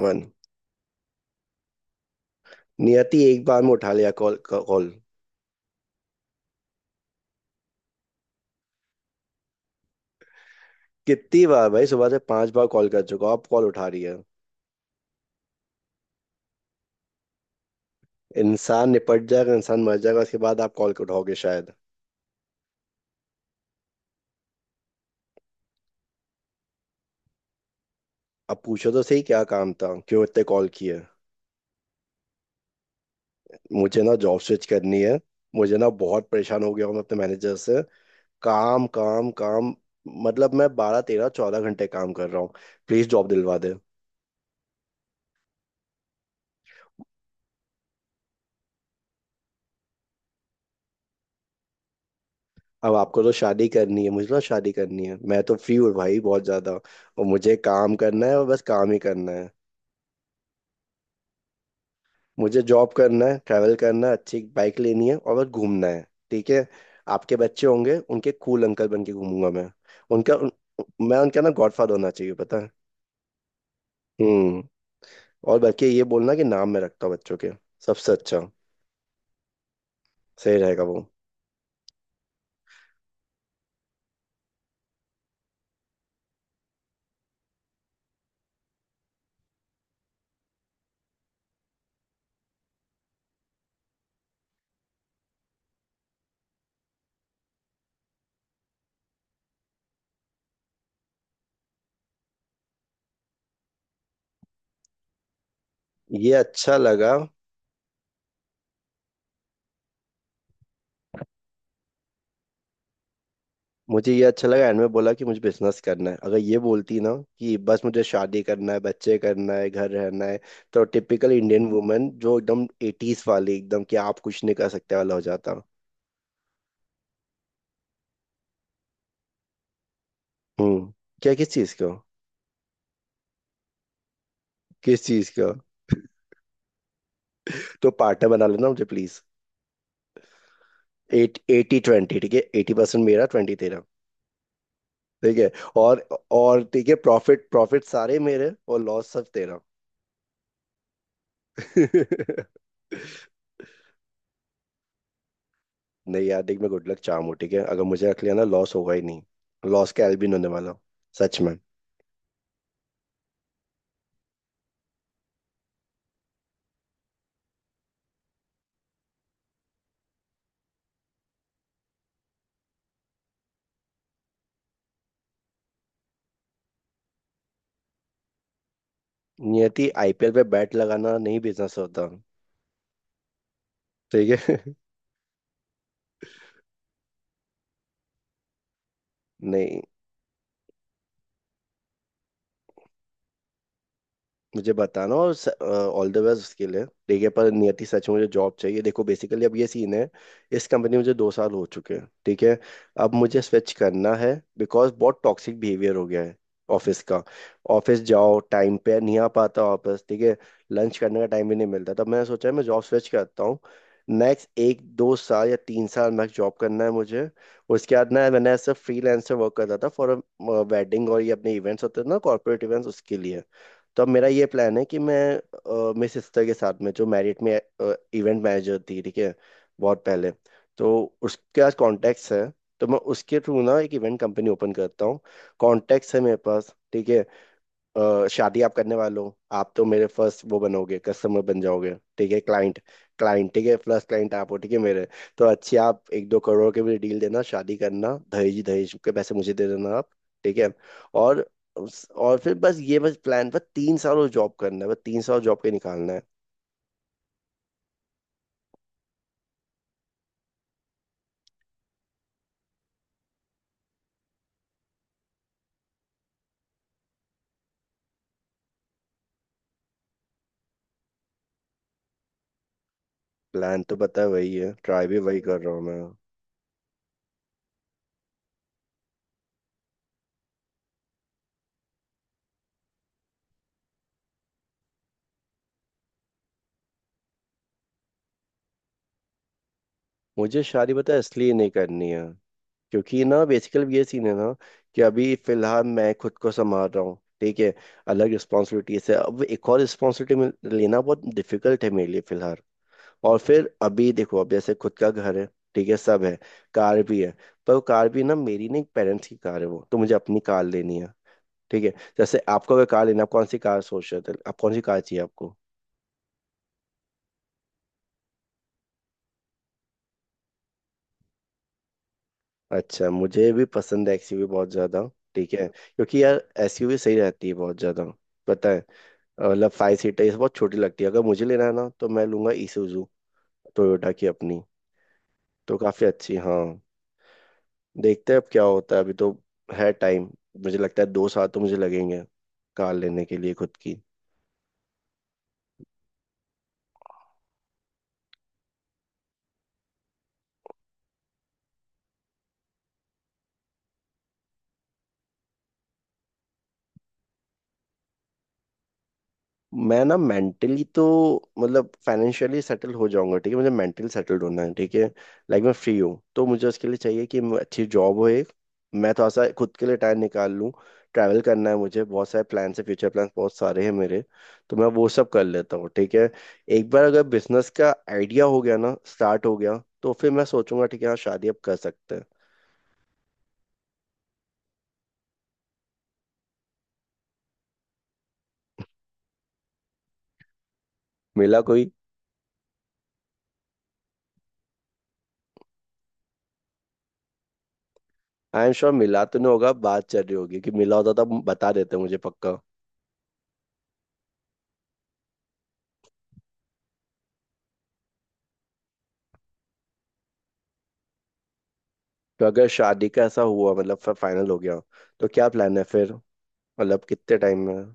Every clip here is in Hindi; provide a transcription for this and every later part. मन। नियति, एक बार में उठा लिया कॉल कॉल कितनी बार भाई, सुबह से 5 बार कॉल कर चुका हूं, आप कॉल उठा रही है। इंसान निपट जाएगा, इंसान मर जाएगा, उसके बाद आप कॉल उठाओगे शायद। अब पूछो तो सही, क्या काम था, क्यों इतने कॉल किए। मुझे ना जॉब स्विच करनी है। मुझे ना बहुत परेशान हो गया हूं मैं अपने मैनेजर से। काम काम काम। मतलब मैं 12 13 14 घंटे काम कर रहा हूँ। प्लीज जॉब दिलवा दे। अब आपको तो शादी करनी है, मुझे ना शादी करनी है, मैं तो फ्री हूँ भाई बहुत ज्यादा, और मुझे काम करना है और बस काम ही करना है। मुझे जॉब करना है, ट्रैवल करना है, अच्छी बाइक लेनी है और बस घूमना है। ठीक है। आपके बच्चे होंगे, उनके कूल अंकल बन के घूमूंगा मैं। उनका उन, मैं उनका ना गॉडफादर होना चाहिए, पता है। हम्म। और बल्कि ये बोलना कि नाम मैं रखता हूँ बच्चों के, सबसे अच्छा, सही रहेगा वो। ये अच्छा लगा। मुझे ये अच्छा लगा एंड में बोला कि मुझे बिजनेस करना है, अगर ये बोलती ना कि बस मुझे शादी करना है, बच्चे करना है, घर रहना है, तो टिपिकल इंडियन वुमेन जो एकदम एटीज वाली एकदम, कि आप कुछ नहीं कर सकते वाला हो जाता। हम्म। क्या किस चीज का? किस चीज का? तो पार्टनर बना लेना मुझे प्लीज। एट 80-20, ठीक है, 80% मेरा, 20 तेरा। ठीक है। और और ठीक है, प्रॉफिट प्रॉफिट सारे मेरे और लॉस सब तेरा। नहीं यार देख, मैं गुड लक चाहूँ, ठीक है, अगर मुझे रख लिया ना, लॉस होगा ही नहीं। लॉस का एल भी नहीं होने वाला, सच में। नियति, आईपीएल पे बैट लगाना नहीं, बिजनेस होता। ठीक है। नहीं, मुझे बताना और ऑल द बेस्ट उसके लिए, ठीक है, पर नियति, सच में मुझे जॉब चाहिए, देखो, बेसिकली अब ये सीन है। इस कंपनी में मुझे 2 साल हो चुके हैं, ठीक है। अब मुझे स्विच करना है बिकॉज बहुत टॉक्सिक बिहेवियर हो गया है ऑफिस का। ऑफिस जाओ, टाइम पे नहीं आ पाता ऑफिस, ठीक है। लंच करने का टाइम भी नहीं मिलता, तब मैंने सोचा है मैं जॉब स्विच करता हूँ। नेक्स्ट एक दो साल या 3 साल मैं जॉब करना है मुझे। उसके बाद ना, मैंने ऐसे फ्रीलांसर वर्क करता था फॉर वेडिंग, और ये अपने इवेंट्स होते थे ना, कॉर्पोरेट इवेंट्स उसके लिए। तो अब मेरा ये प्लान है कि मैं मेरी सिस्टर के साथ में, जो मैरिट में इवेंट मैनेजर थी, ठीक है, बहुत पहले, तो उसके पास कॉन्टैक्ट्स है, तो मैं उसके थ्रू ना एक इवेंट कंपनी ओपन करता हूँ। कॉन्टैक्ट्स है मेरे पास, ठीक है। शादी आप करने वाले हो, आप तो मेरे फर्स्ट वो बनोगे, कस्टमर बन जाओगे, ठीक है, क्लाइंट। क्लाइंट, ठीक है, फर्स्ट क्लाइंट आप हो, ठीक है मेरे। तो अच्छी आप एक दो करोड़ के भी डील देना, शादी करना, दहेज दहेज के पैसे मुझे दे देना आप। ठीक है। और और फिर बस ये, बस प्लान, बस 3 साल और जॉब करना है, बस 3 साल जॉब के निकालना है। प्लान तो पता है वही है, ट्राई भी वही कर रहा हूँ मैं। मुझे शादी पता है इसलिए नहीं करनी है, क्योंकि ना बेसिकली ये सीन है ना कि अभी फिलहाल मैं खुद को संभाल रहा हूँ, ठीक है। अलग रिस्पॉन्सिबिलिटी से अब एक और रिस्पॉन्सिबिलिटी लेना बहुत डिफिकल्ट है मेरे लिए फिलहाल। और फिर अभी देखो, अब जैसे खुद का घर है, ठीक है, सब है, कार भी है। पर वो कार भी ना मेरी नहीं, पेरेंट्स की कार है वो, तो मुझे अपनी कार लेनी है, ठीक है। जैसे आपको अगर कार लेना, आप कौन सी कार सोच रहे थे, आप कौन सी कार चाहिए आपको। अच्छा, मुझे भी पसंद है एक्सयूवी बहुत ज्यादा। ठीक है, क्योंकि यार एसयूवी सही रहती है बहुत ज्यादा, पता है। मतलब 5 सीटर ये सब बहुत छोटी लगती है, अगर मुझे लेना है ना तो मैं लूंगा isuzu, टोयोटा की अपनी, तो काफी अच्छी हाँ। देखते हैं अब क्या होता है, अभी तो है टाइम। मुझे लगता है 2 साल तो मुझे लगेंगे कार लेने के लिए खुद की। मैं ना मेंटली तो, मतलब फाइनेंशियली सेटल हो जाऊंगा, ठीक है, मुझे मेंटली सेटल्ड होना है, ठीक है। लाइक मैं फ्री हूँ तो मुझे उसके लिए चाहिए कि अच्छी जॉब हो एक, मैं थोड़ा सा खुद के लिए टाइम निकाल लूँ। ट्रैवल करना है मुझे, बहुत सारे प्लान्स है, फ्यूचर प्लान्स बहुत सारे हैं मेरे, तो मैं वो सब कर लेता हूँ, ठीक है। एक बार अगर बिजनेस का आइडिया हो गया ना, स्टार्ट हो गया, तो फिर मैं सोचूंगा, ठीक है हाँ, शादी अब कर सकते हैं। मिला कोई? आई एम श्योर मिला तो नहीं होगा, बात चल रही होगी, कि मिला होता तो बता देते मुझे पक्का। तो अगर शादी का ऐसा हुआ, मतलब फाइनल हो गया, तो क्या प्लान है फिर, मतलब कितने टाइम में।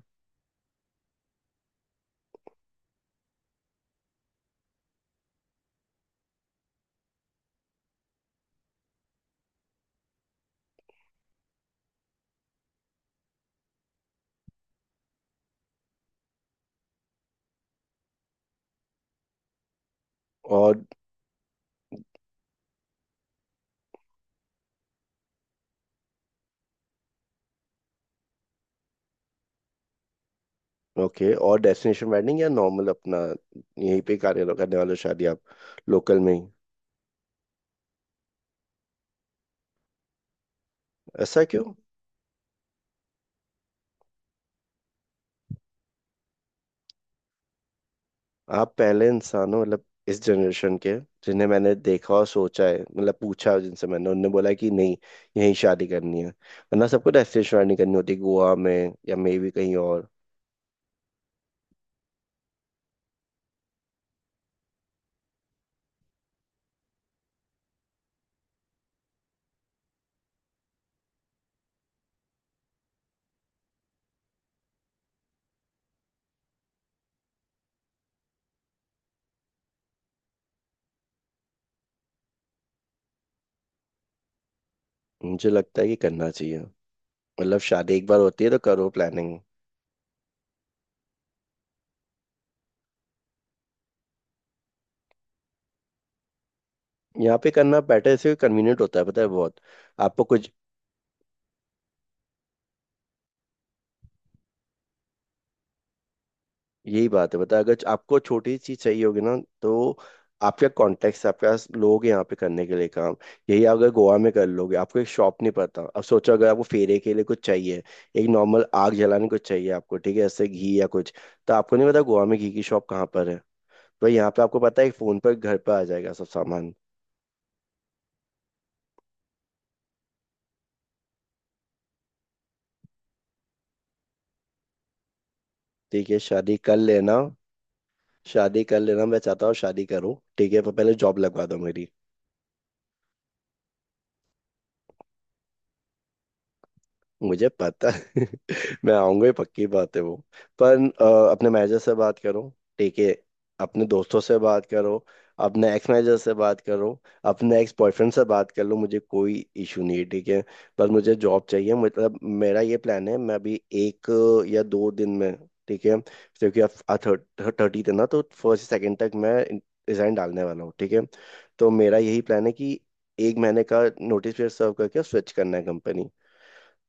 और ओके, और डेस्टिनेशन वेडिंग या नॉर्मल अपना, यहीं पे कार्य करने वाले हो शादी आप, लोकल में ही। ऐसा क्यों? आप पहले इंसान हो मतलब इस जनरेशन के जिन्हें मैंने देखा और सोचा है, मतलब पूछा जिनसे मैंने, उनने बोला कि नहीं, यहीं शादी करनी है, वरना सबको डेस्टिनेशन वेडिंग करनी होती है गोवा में या मे भी कहीं और। मुझे लगता है कि करना चाहिए, मतलब शादी एक बार होती है, तो करो प्लानिंग। यहाँ पे करना बेटर से कन्वीनियंट होता है, पता है, बहुत। आपको कुछ, यही बात है पता है, अगर आपको छोटी चीज चाहिए होगी ना, तो आपके कॉन्टेक्ट आपके पास लोग हैं यहाँ पे करने के लिए काम। यही अगर गोवा में कर लोगे, आपको एक शॉप नहीं पता, अब सोचो अगर आपको फेरे के लिए कुछ चाहिए, एक नॉर्मल आग जलाने कुछ चाहिए आपको, ठीक है, जैसे घी या कुछ, तो आपको नहीं पता गोवा में घी की शॉप कहाँ पर है। तो यहाँ पे आपको पता है, एक फोन पर घर पर आ जाएगा सब सामान। ठीक है, शादी कर लेना। शादी कर लेना, मैं चाहता हूँ शादी करूँ, ठीक है, पर पहले जॉब लगवा दो मेरी। मुझे पता है मैं आऊंगा ही, पक्की बात है वो। पर अपने मैनेजर से बात करो, ठीक है, अपने दोस्तों से बात करो, अपने एक्स मैनेजर से बात करो, अपने एक्स बॉयफ्रेंड से बात कर लो, मुझे कोई इशू नहीं है, ठीक है। पर मुझे जॉब चाहिए, मतलब मेरा ये प्लान है, मैं अभी एक या दो दिन में, ठीक है, क्योंकि अब 30 है ना, तो फर्स्ट सेकंड तक मैं रिजाइन डालने वाला हूँ, ठीक है। तो मेरा यही प्लान है कि एक महीने का नोटिस पीरियड सर्व करके स्विच करना है कंपनी।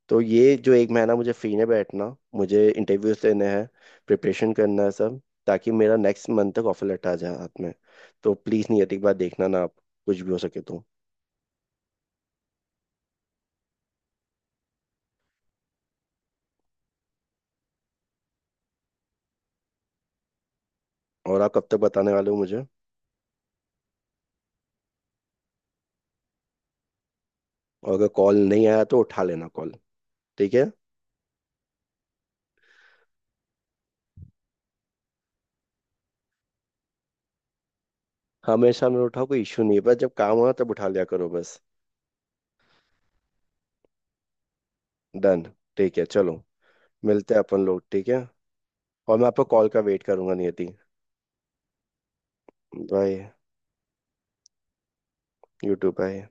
तो ये जो एक महीना मुझे फ्री में बैठना, मुझे इंटरव्यूज देने हैं, प्रिपरेशन करना है सब, ताकि मेरा नेक्स्ट मंथ तक ऑफर लेटर आ जाए हाथ में। तो प्लीज़ नहीं, एक बार देखना ना आप, कुछ भी हो सके तो। और आप कब तक बताने वाले हो मुझे? और अगर कॉल नहीं आया तो उठा लेना कॉल, ठीक है। हमेशा मेरे उठाओ, कोई इशू नहीं है, बस जब काम हो तब उठा लिया करो बस। डन। ठीक है, चलो, मिलते हैं अपन लोग, ठीक है। और मैं आपको कॉल का वेट करूंगा नियति। बाय। YouTube bye.